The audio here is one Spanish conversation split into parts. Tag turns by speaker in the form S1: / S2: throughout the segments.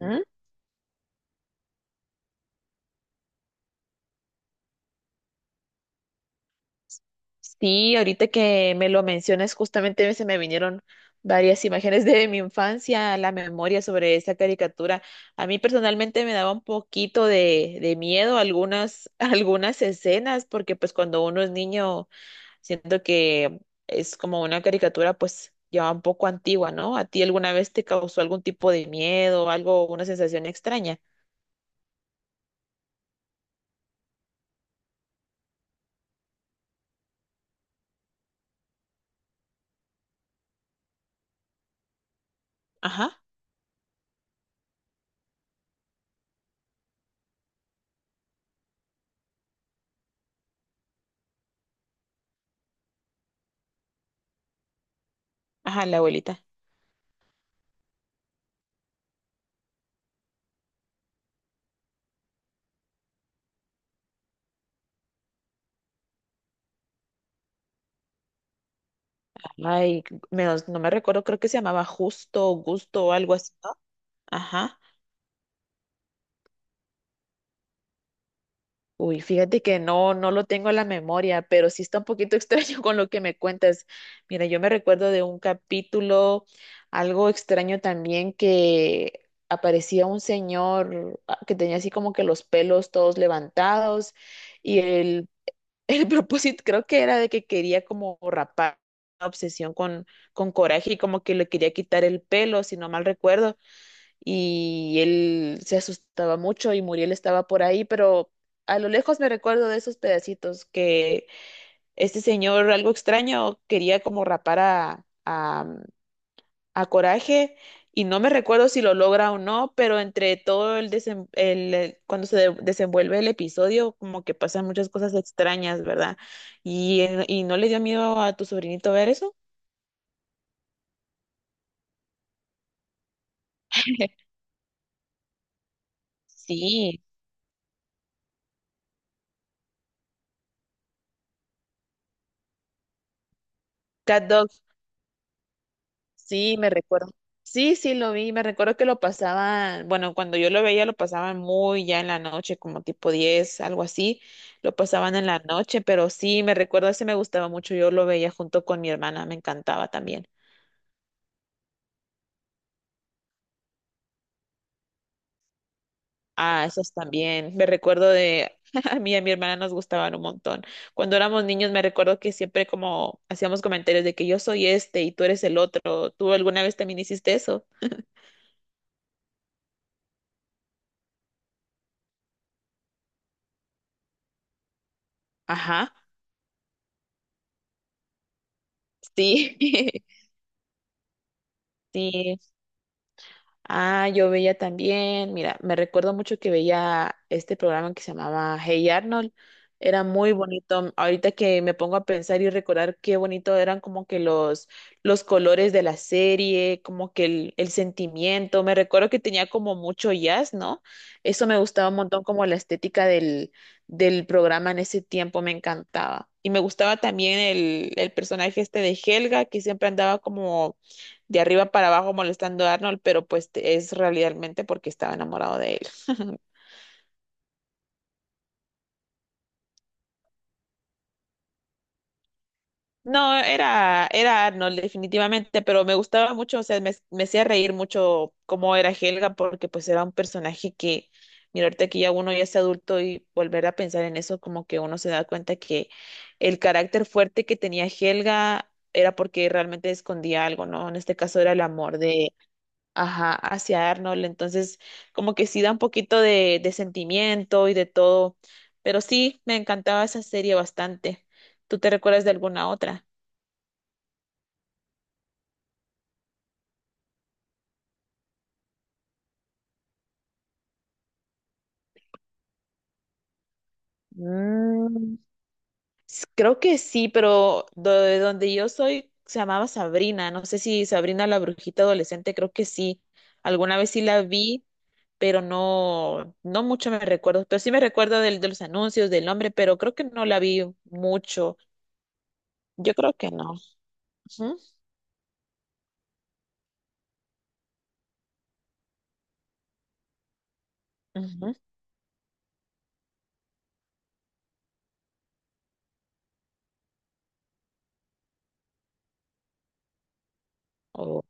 S1: ¿Mm? Sí, ahorita que me lo mencionas, justamente se me vinieron varias imágenes de mi infancia a la memoria sobre esa caricatura. A mí personalmente me daba un poquito de miedo algunas, algunas escenas, porque pues cuando uno es niño, siento que es como una caricatura pues ya un poco antigua, ¿no? ¿A ti alguna vez te causó algún tipo de miedo, algo, una sensación extraña? Ajá, ajá, la abuelita. Ay, menos, no me recuerdo, creo que se llamaba Justo o Gusto o algo así, ¿no? Ajá. Uy, fíjate que no, no lo tengo en la memoria, pero sí está un poquito extraño con lo que me cuentas. Mira, yo me recuerdo de un capítulo, algo extraño también, que aparecía un señor que tenía así como que los pelos todos levantados y el, el propósito creo que era de que quería como rapar, una obsesión con coraje y como que le quería quitar el pelo, si no mal recuerdo, y él se asustaba mucho y Muriel estaba por ahí, pero a lo lejos me recuerdo de esos pedacitos que este señor, algo extraño, quería como rapar a Coraje y no me recuerdo si lo logra o no, pero entre todo el, desem- el cuando se de- desenvuelve el episodio, como que pasan muchas cosas extrañas, ¿verdad? Y no le dio miedo a tu sobrinito ver eso? Sí. CatDog. Sí, me recuerdo. Sí, sí, lo vi. Me recuerdo que lo pasaban, bueno, cuando yo lo veía lo pasaban muy ya en la noche, como tipo 10, algo así. Lo pasaban en la noche, pero sí, me recuerdo, ese me gustaba mucho. Yo lo veía junto con mi hermana, me encantaba también. Ah, esos también. Me recuerdo de, a mí y a mi hermana nos gustaban un montón. Cuando éramos niños me recuerdo que siempre como hacíamos comentarios de que yo soy este y tú eres el otro. ¿Tú alguna vez también hiciste eso? Ajá, sí. Sí. Ah, yo veía también, mira, me recuerdo mucho que veía este programa que se llamaba Hey Arnold. Era muy bonito. Ahorita que me pongo a pensar y recordar qué bonito eran como que los colores de la serie, como que el sentimiento. Me recuerdo que tenía como mucho jazz, ¿no? Eso me gustaba un montón, como la estética del, del programa en ese tiempo me encantaba. Y me gustaba también el personaje este de Helga, que siempre andaba como de arriba para abajo molestando a Arnold, pero pues te- es realmente porque estaba enamorado de él. No, era, era Arnold definitivamente, pero me gustaba mucho, o sea, me hacía reír mucho cómo era Helga, porque pues era un personaje que, mira, ahorita que ya uno ya es adulto y volver a pensar en eso, como que uno se da cuenta que el carácter fuerte que tenía Helga era porque realmente escondía algo, ¿no? En este caso era el amor de, ajá, hacia Arnold. Entonces, como que sí da un poquito de sentimiento y de todo. Pero sí, me encantaba esa serie bastante. ¿Tú te recuerdas de alguna otra? Mm, s- creo que sí, pero do- de donde yo soy se llamaba Sabrina. No sé si Sabrina la brujita adolescente, creo que sí. Alguna vez sí la vi, pero no, no mucho me recuerdo. Pero sí me recuerdo del, de los anuncios, del nombre, pero creo que no la vi mucho. Yo creo que no. Ujú, ujú. Oh.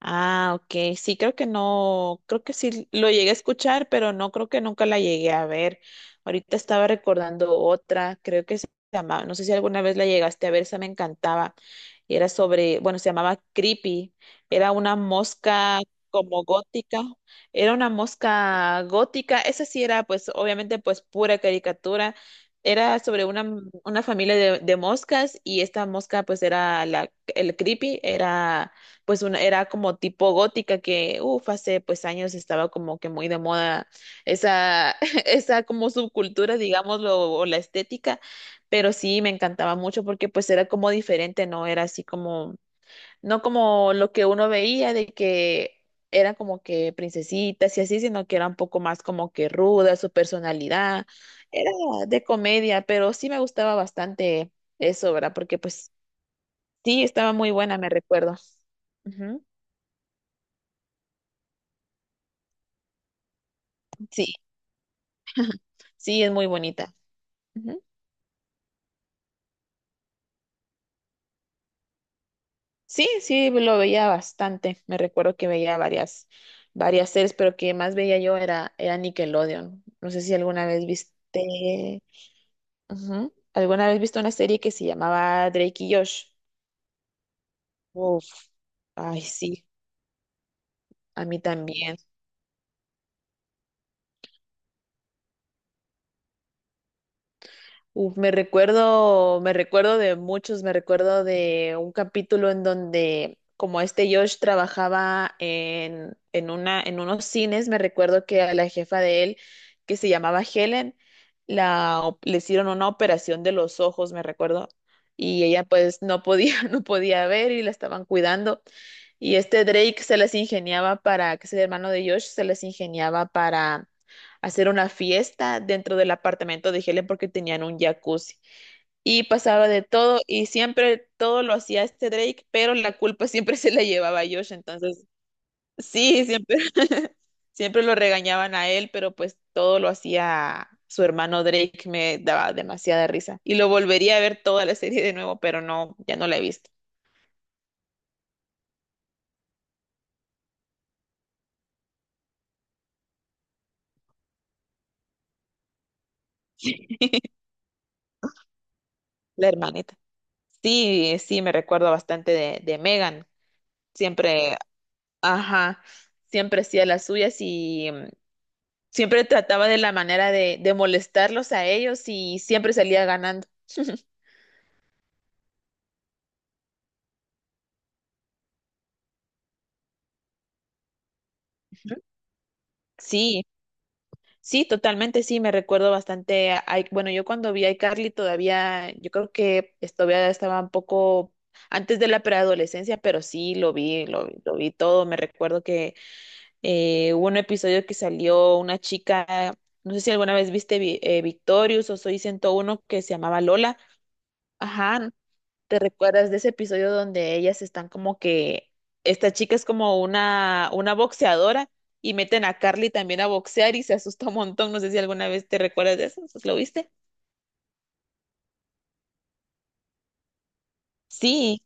S1: Ah, ok. Sí, creo que no, creo que sí lo llegué a escuchar, pero no creo que nunca la llegué a ver. Ahorita estaba recordando otra, creo que se llamaba, no sé si alguna vez la llegaste a ver, esa me encantaba. Y era sobre, bueno, se llamaba Creepy. Era una mosca como gótica. Era una mosca gótica. Esa sí era, pues, obviamente, pues, pura caricatura. Era sobre una familia de moscas y esta mosca, pues, era la, el Creepy, era pues una, era como tipo gótica que, uff, hace pues años estaba como que muy de moda esa, esa como subcultura, digámoslo, o la estética, pero sí me encantaba mucho porque pues era como diferente, ¿no? Era así como, no como lo que uno veía de que eran como que princesitas y así, sino que era un poco más como que ruda su personalidad, era de comedia, pero sí me gustaba bastante eso, ¿verdad? Porque pues sí, estaba muy buena, me recuerdo. Ujú. Sí. Sí, es muy bonita. Ujú. Sí, sí, lo veía bastante. Me recuerdo que veía varias, varias series, pero que más veía yo era, era Nickelodeon. No sé si alguna vez viste, ujú, ¿alguna vez viste una serie que se llamaba Drake y Josh? Uf, ay, sí, a mí también. Uf, me recuerdo de muchos, me recuerdo de un capítulo en donde como este Josh trabajaba en una, en unos cines, me recuerdo que a la jefa de él, que se llamaba Helen, la, op- le hicieron una operación de los ojos, me recuerdo, y ella pues no podía, no podía ver y la estaban cuidando. Y este Drake se las ingeniaba para, que es el hermano de Josh, se las ingeniaba para hacer una fiesta dentro del apartamento de Helen porque tenían un jacuzzi. Y pasaba de todo y siempre todo lo hacía este Drake, pero la culpa siempre se la llevaba a Josh. Entonces, sí, siempre, siempre lo regañaban a él, pero pues todo lo hacía su hermano Drake. Me daba demasiada risa. Y lo volvería a ver toda la serie de nuevo, pero no, ya no la he visto. La hermanita. Sí, sí, me recuerdo bastante de Megan. Siempre, ajá, siempre hacía las suyas y siempre trataba de la manera de molestarlos a ellos y siempre salía ganando. Sí, sí, totalmente, sí, me recuerdo bastante. A- bueno, yo cuando vi a iCarly todavía, yo creo que es- todavía estaba un poco antes de la preadolescencia, pero sí, lo vi, lo, vi- lo vi todo. Me recuerdo. Hubo un episodio que salió una chica, no sé si alguna vez viste Vi- Victorious o Soy 101 que se llamaba Lola. Ajá, ¿te recuerdas de ese episodio donde ellas están como que esta chica es como una boxeadora y meten a Carly también a boxear y se asusta un montón? No sé si alguna vez te recuerdas de eso, ¿lo viste? Sí,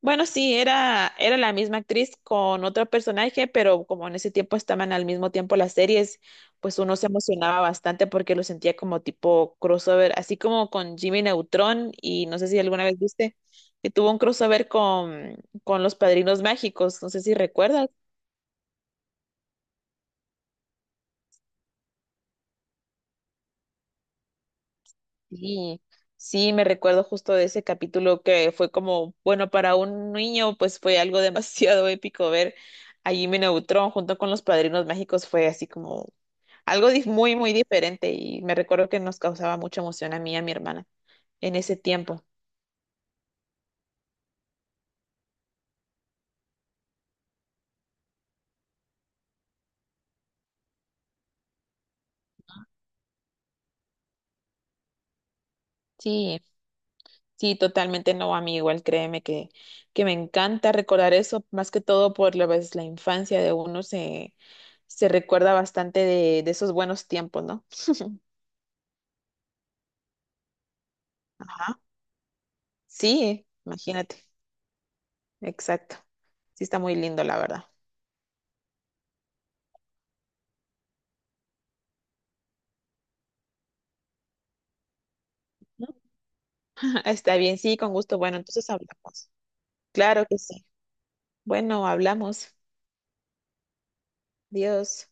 S1: bueno, sí, era, era la misma actriz con otro personaje, pero como en ese tiempo estaban al mismo tiempo las series, pues uno se emocionaba bastante porque lo sentía como tipo crossover, así como con Jimmy Neutron y no sé si alguna vez viste que tuvo un crossover con Los Padrinos Mágicos, no sé si recuerdas. Sí, sí, me recuerdo justo de ese capítulo que fue como, bueno, para un niño pues fue algo demasiado épico ver a Jimmy Neutron junto con Los Padrinos Mágicos, fue así como... Algo dif- muy, muy diferente y me recuerdo que nos causaba mucha emoción a mí y a mi hermana en ese tiempo. Sí, sí, totalmente no, a mí igual créeme que me encanta recordar eso, más que todo por la vez la infancia de uno se, se recuerda bastante de esos buenos tiempos, ¿no? Ajá. Sí, imagínate, exacto. Sí está muy lindo, la verdad. Está bien, sí, con gusto. Bueno, entonces hablamos. Claro que sí. Bueno, hablamos. Dios.